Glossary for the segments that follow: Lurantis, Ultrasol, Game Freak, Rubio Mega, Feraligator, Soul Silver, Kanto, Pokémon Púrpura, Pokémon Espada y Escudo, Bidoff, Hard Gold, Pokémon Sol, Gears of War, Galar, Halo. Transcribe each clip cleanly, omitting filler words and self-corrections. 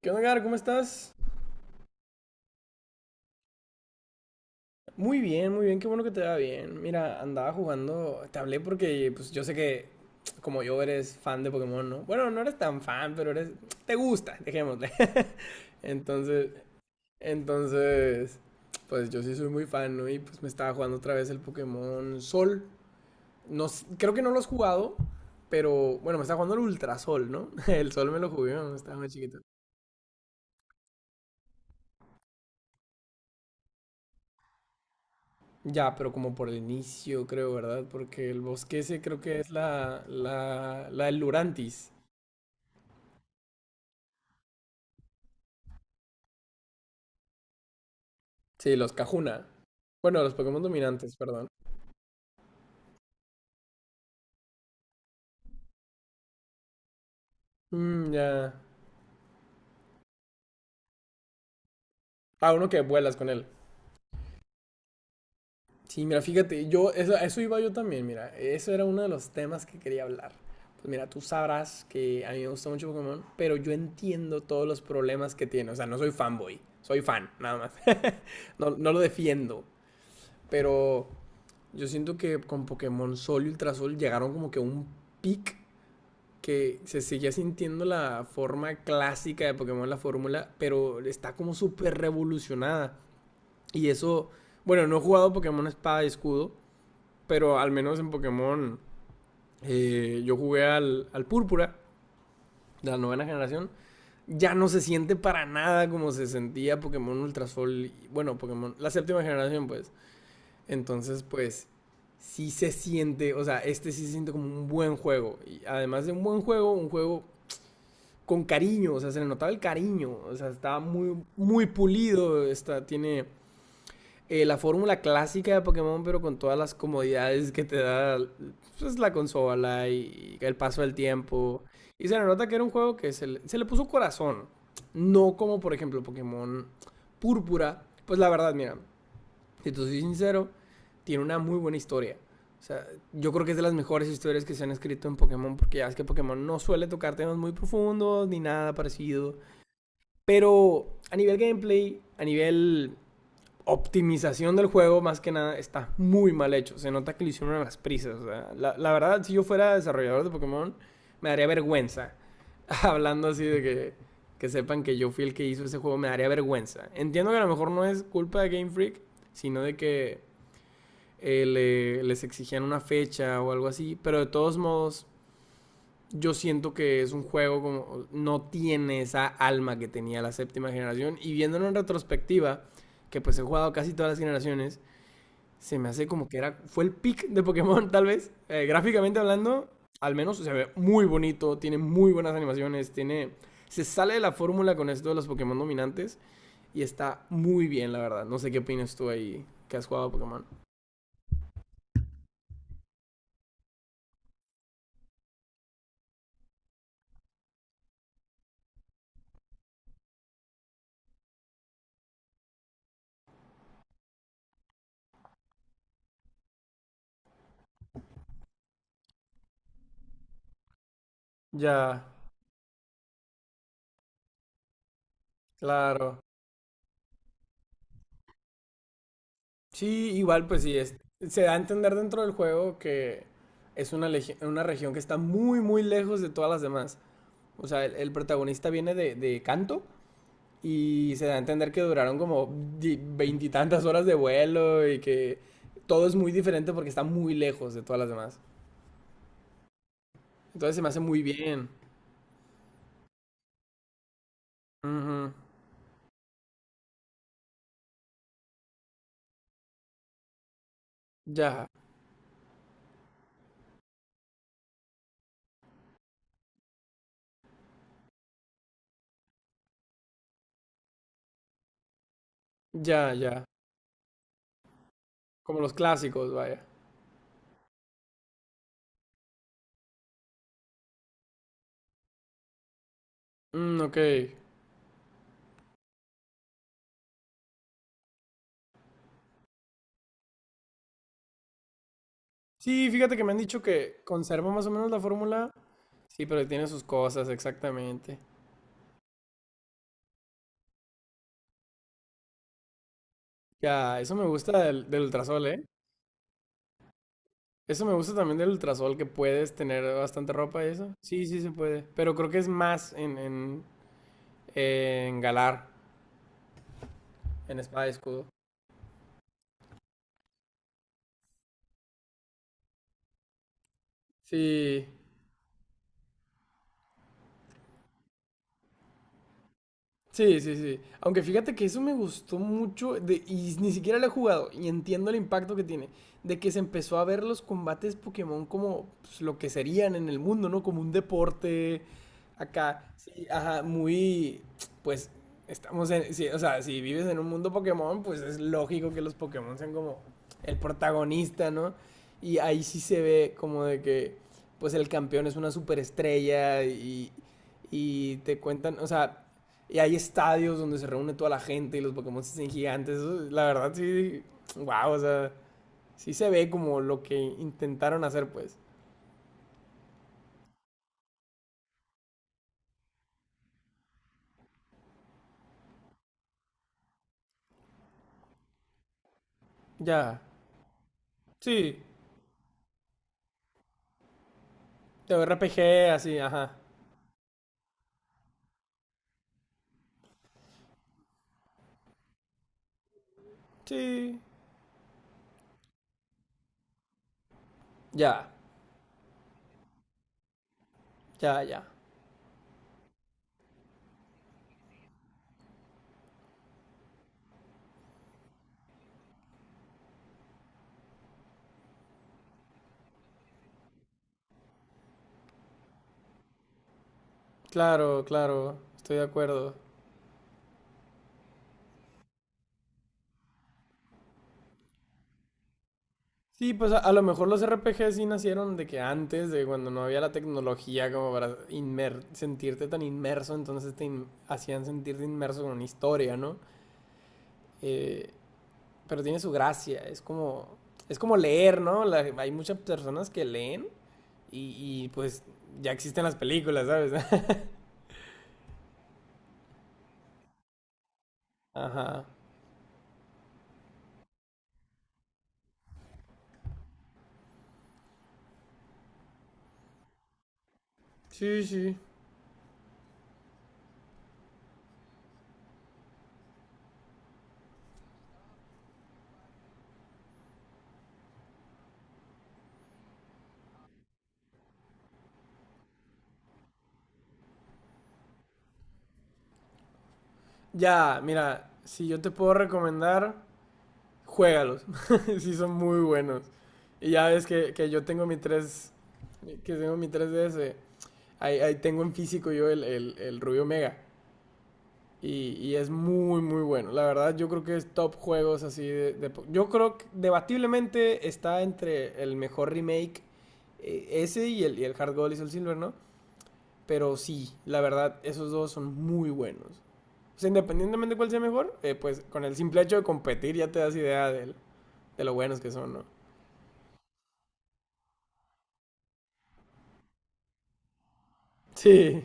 ¿Qué onda, Gar? ¿Cómo estás? Muy bien, qué bueno que te va bien. Mira, andaba jugando, te hablé porque pues yo sé que como yo eres fan de Pokémon, ¿no? Bueno, no eres tan fan, pero eres te gusta, dejémosle. Entonces, entonces, pues yo sí soy muy fan, ¿no? Y pues me estaba jugando otra vez el Pokémon Sol. No, creo que no lo has jugado, pero bueno, me estaba jugando el Ultrasol, ¿no? El Sol me lo jugué cuando estaba muy chiquito. Ya, pero como por el inicio, creo, ¿verdad? Porque el bosque ese creo que es la del Lurantis. Sí, los Cajuna. Bueno, los Pokémon dominantes, perdón. Mm, ya. Ah, uno que vuelas con él. Sí, mira, fíjate, yo, eso, a eso iba yo también, mira. Eso era uno de los temas que quería hablar. Pues mira, tú sabrás que a mí me gusta mucho Pokémon, pero yo entiendo todos los problemas que tiene. O sea, no soy fanboy, soy fan, nada más. No, no lo defiendo, pero yo siento que con Pokémon Sol y Ultrasol llegaron como que a un pic que se seguía sintiendo la forma clásica de Pokémon, la fórmula, pero está como súper revolucionada. Y eso, bueno, no he jugado Pokémon Espada y Escudo, pero al menos en Pokémon yo jugué al, al Púrpura de la novena generación. Ya no se siente para nada como se sentía Pokémon Ultrasol, y- bueno, Pokémon, la séptima generación pues. Entonces, pues, sí se siente, o sea, este sí se siente como un buen juego. Y además de un buen juego, un juego con cariño, o sea, se le notaba el cariño, o sea, estaba muy, muy pulido, está, tiene la fórmula clásica de Pokémon, pero con todas las comodidades que te da pues, la consola y el paso del tiempo. Y se le nota que era un juego que se le puso corazón, no como por ejemplo Pokémon Púrpura. Pues la verdad, mira, si te soy sincero, tiene una muy buena historia. O sea, yo creo que es de las mejores historias que se han escrito en Pokémon, porque ya ves que Pokémon no suele tocar temas muy profundos ni nada parecido. Pero a nivel gameplay, a nivel optimización del juego, más que nada, está muy mal hecho. Se nota que lo hicieron a las prisas. O sea, la verdad, si yo fuera desarrollador de Pokémon, me daría vergüenza. Hablando así de que sepan que yo fui el que hizo ese juego, me daría vergüenza. Entiendo que a lo mejor no es culpa de Game Freak, sino de que les exigían una fecha o algo así, pero de todos modos yo siento que es un juego como no tiene esa alma que tenía la séptima generación y viéndolo en retrospectiva, que pues he jugado casi todas las generaciones, se me hace como que era fue el pick de Pokémon tal vez. Gráficamente hablando, al menos se ve muy bonito, tiene muy buenas animaciones, tiene se sale de la fórmula con esto de los Pokémon dominantes y está muy bien, la verdad. No sé qué opinas tú ahí que has jugado a Pokémon. Ya, claro. Sí, igual, pues sí, es, se da a entender dentro del juego que es una, una región que está muy, muy lejos de todas las demás. O sea, el protagonista viene de Kanto y se da a entender que duraron como veintitantas horas de vuelo y que todo es muy diferente porque está muy lejos de todas las demás. Entonces se me hace muy bien. Ujú. Ya, ya, ya. Como los clásicos, vaya. Mm, ok. Sí, fíjate que me han dicho que conserva más o menos la fórmula. Sí, pero tiene sus cosas, exactamente. Ya, eso me gusta del, del ultrasol, ¿eh? Eso me gusta también del ultrasol, que puedes tener bastante ropa y eso. Sí, sí se puede. Pero creo que es más en, en Galar, en espada y escudo. Sí, sí, sí, sí. Aunque fíjate que eso me gustó mucho de- y ni siquiera lo he jugado y entiendo el impacto que tiene, de que se empezó a ver los combates Pokémon como pues, lo que serían en el mundo, ¿no? Como un deporte acá, sí, ajá, muy, pues estamos en, sí, o sea, si vives en un mundo Pokémon, pues es lógico que los Pokémon sean como el protagonista, ¿no? Y ahí sí se ve como de que, pues el campeón es una superestrella y te cuentan, o sea y hay estadios donde se reúne toda la gente y los Pokémon se hacen gigantes. Eso, la verdad, sí. Wow, o sea, sí se ve como lo que intentaron hacer, pues. Ya. Sí. De RPG, así, ajá. Sí. Ya. Ya, ya. Claro, claro. Estoy de acuerdo. Sí, pues a lo mejor los RPG sí nacieron de que antes, de cuando no había la tecnología como para sentirte tan inmerso, entonces hacían sentirte inmerso con una historia, ¿no? Eh, pero tiene su gracia. Es como leer, ¿no? La- hay muchas personas que leen y, pues ya existen las películas, ¿sabes? Ajá. Sí, sí. Ya, mira, si yo te puedo recomendar, juégalos. Sí, son muy buenos. Y ya ves que yo tengo mi 3 que tengo mi 3DS. Ahí, ahí tengo en físico yo el Rubio Mega. Y es muy, muy bueno. La verdad, yo creo que es top juegos así de- yo creo que debatiblemente está entre el mejor remake ese y el Hard Gold y Soul Silver, ¿no? Pero sí, la verdad, esos dos son muy buenos. O sea, independientemente de cuál sea mejor, pues con el simple hecho de competir ya te das idea del- de lo buenos que son, ¿no? Sí,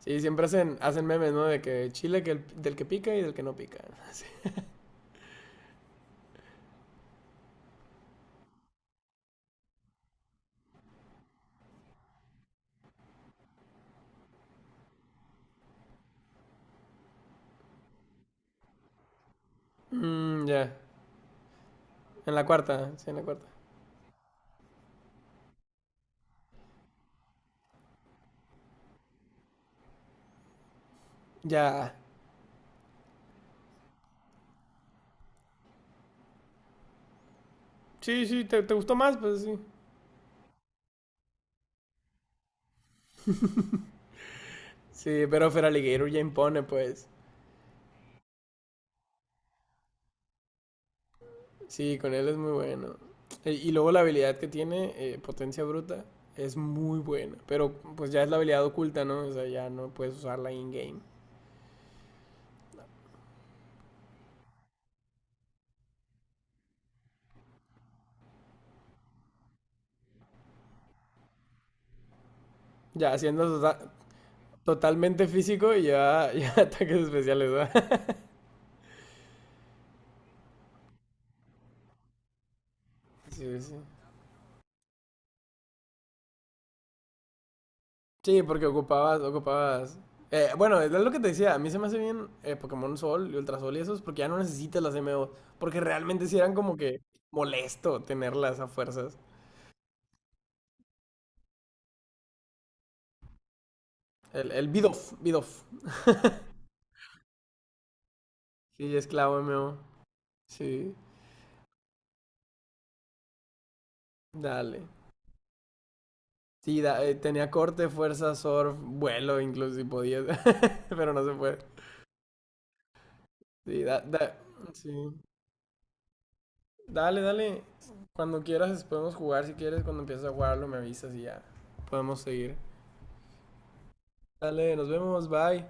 sí, siempre hacen, hacen memes, ¿no? De que chile que el- del que pica y del que no pica. Sí. Mm, ya, en la cuarta, sí, en la cuarta. Ya, sí, sí, ¿te, te gustó más? Pues sí. Sí, pero Feraligator ya impone, pues. Sí, con él es muy bueno. E- Y luego la habilidad que tiene, potencia bruta, es muy buena. Pero pues ya es la habilidad oculta, ¿no? O sea, ya no puedes usarla in-game. Ya siendo totalmente físico y ya, ya ataques especiales, ¿verdad? Sí, sí. Sí, porque ocupabas, ocupabas. Bueno, es lo que te decía, a mí se me hace bien Pokémon Sol y Ultra Sol y esos, porque ya no necesitas las MO, porque realmente sí eran como que molesto tenerlas a fuerzas. El Bidoff, Bidoff. Sí, esclavo MO. Sí, dale. Sí, tenía corte, fuerza, surf, vuelo, incluso si podías, pero no se puede. Sí, sí. Dale, dale. Cuando quieras podemos jugar, si quieres, cuando empieces a jugarlo me avisas y ya podemos seguir. Dale, nos vemos, bye.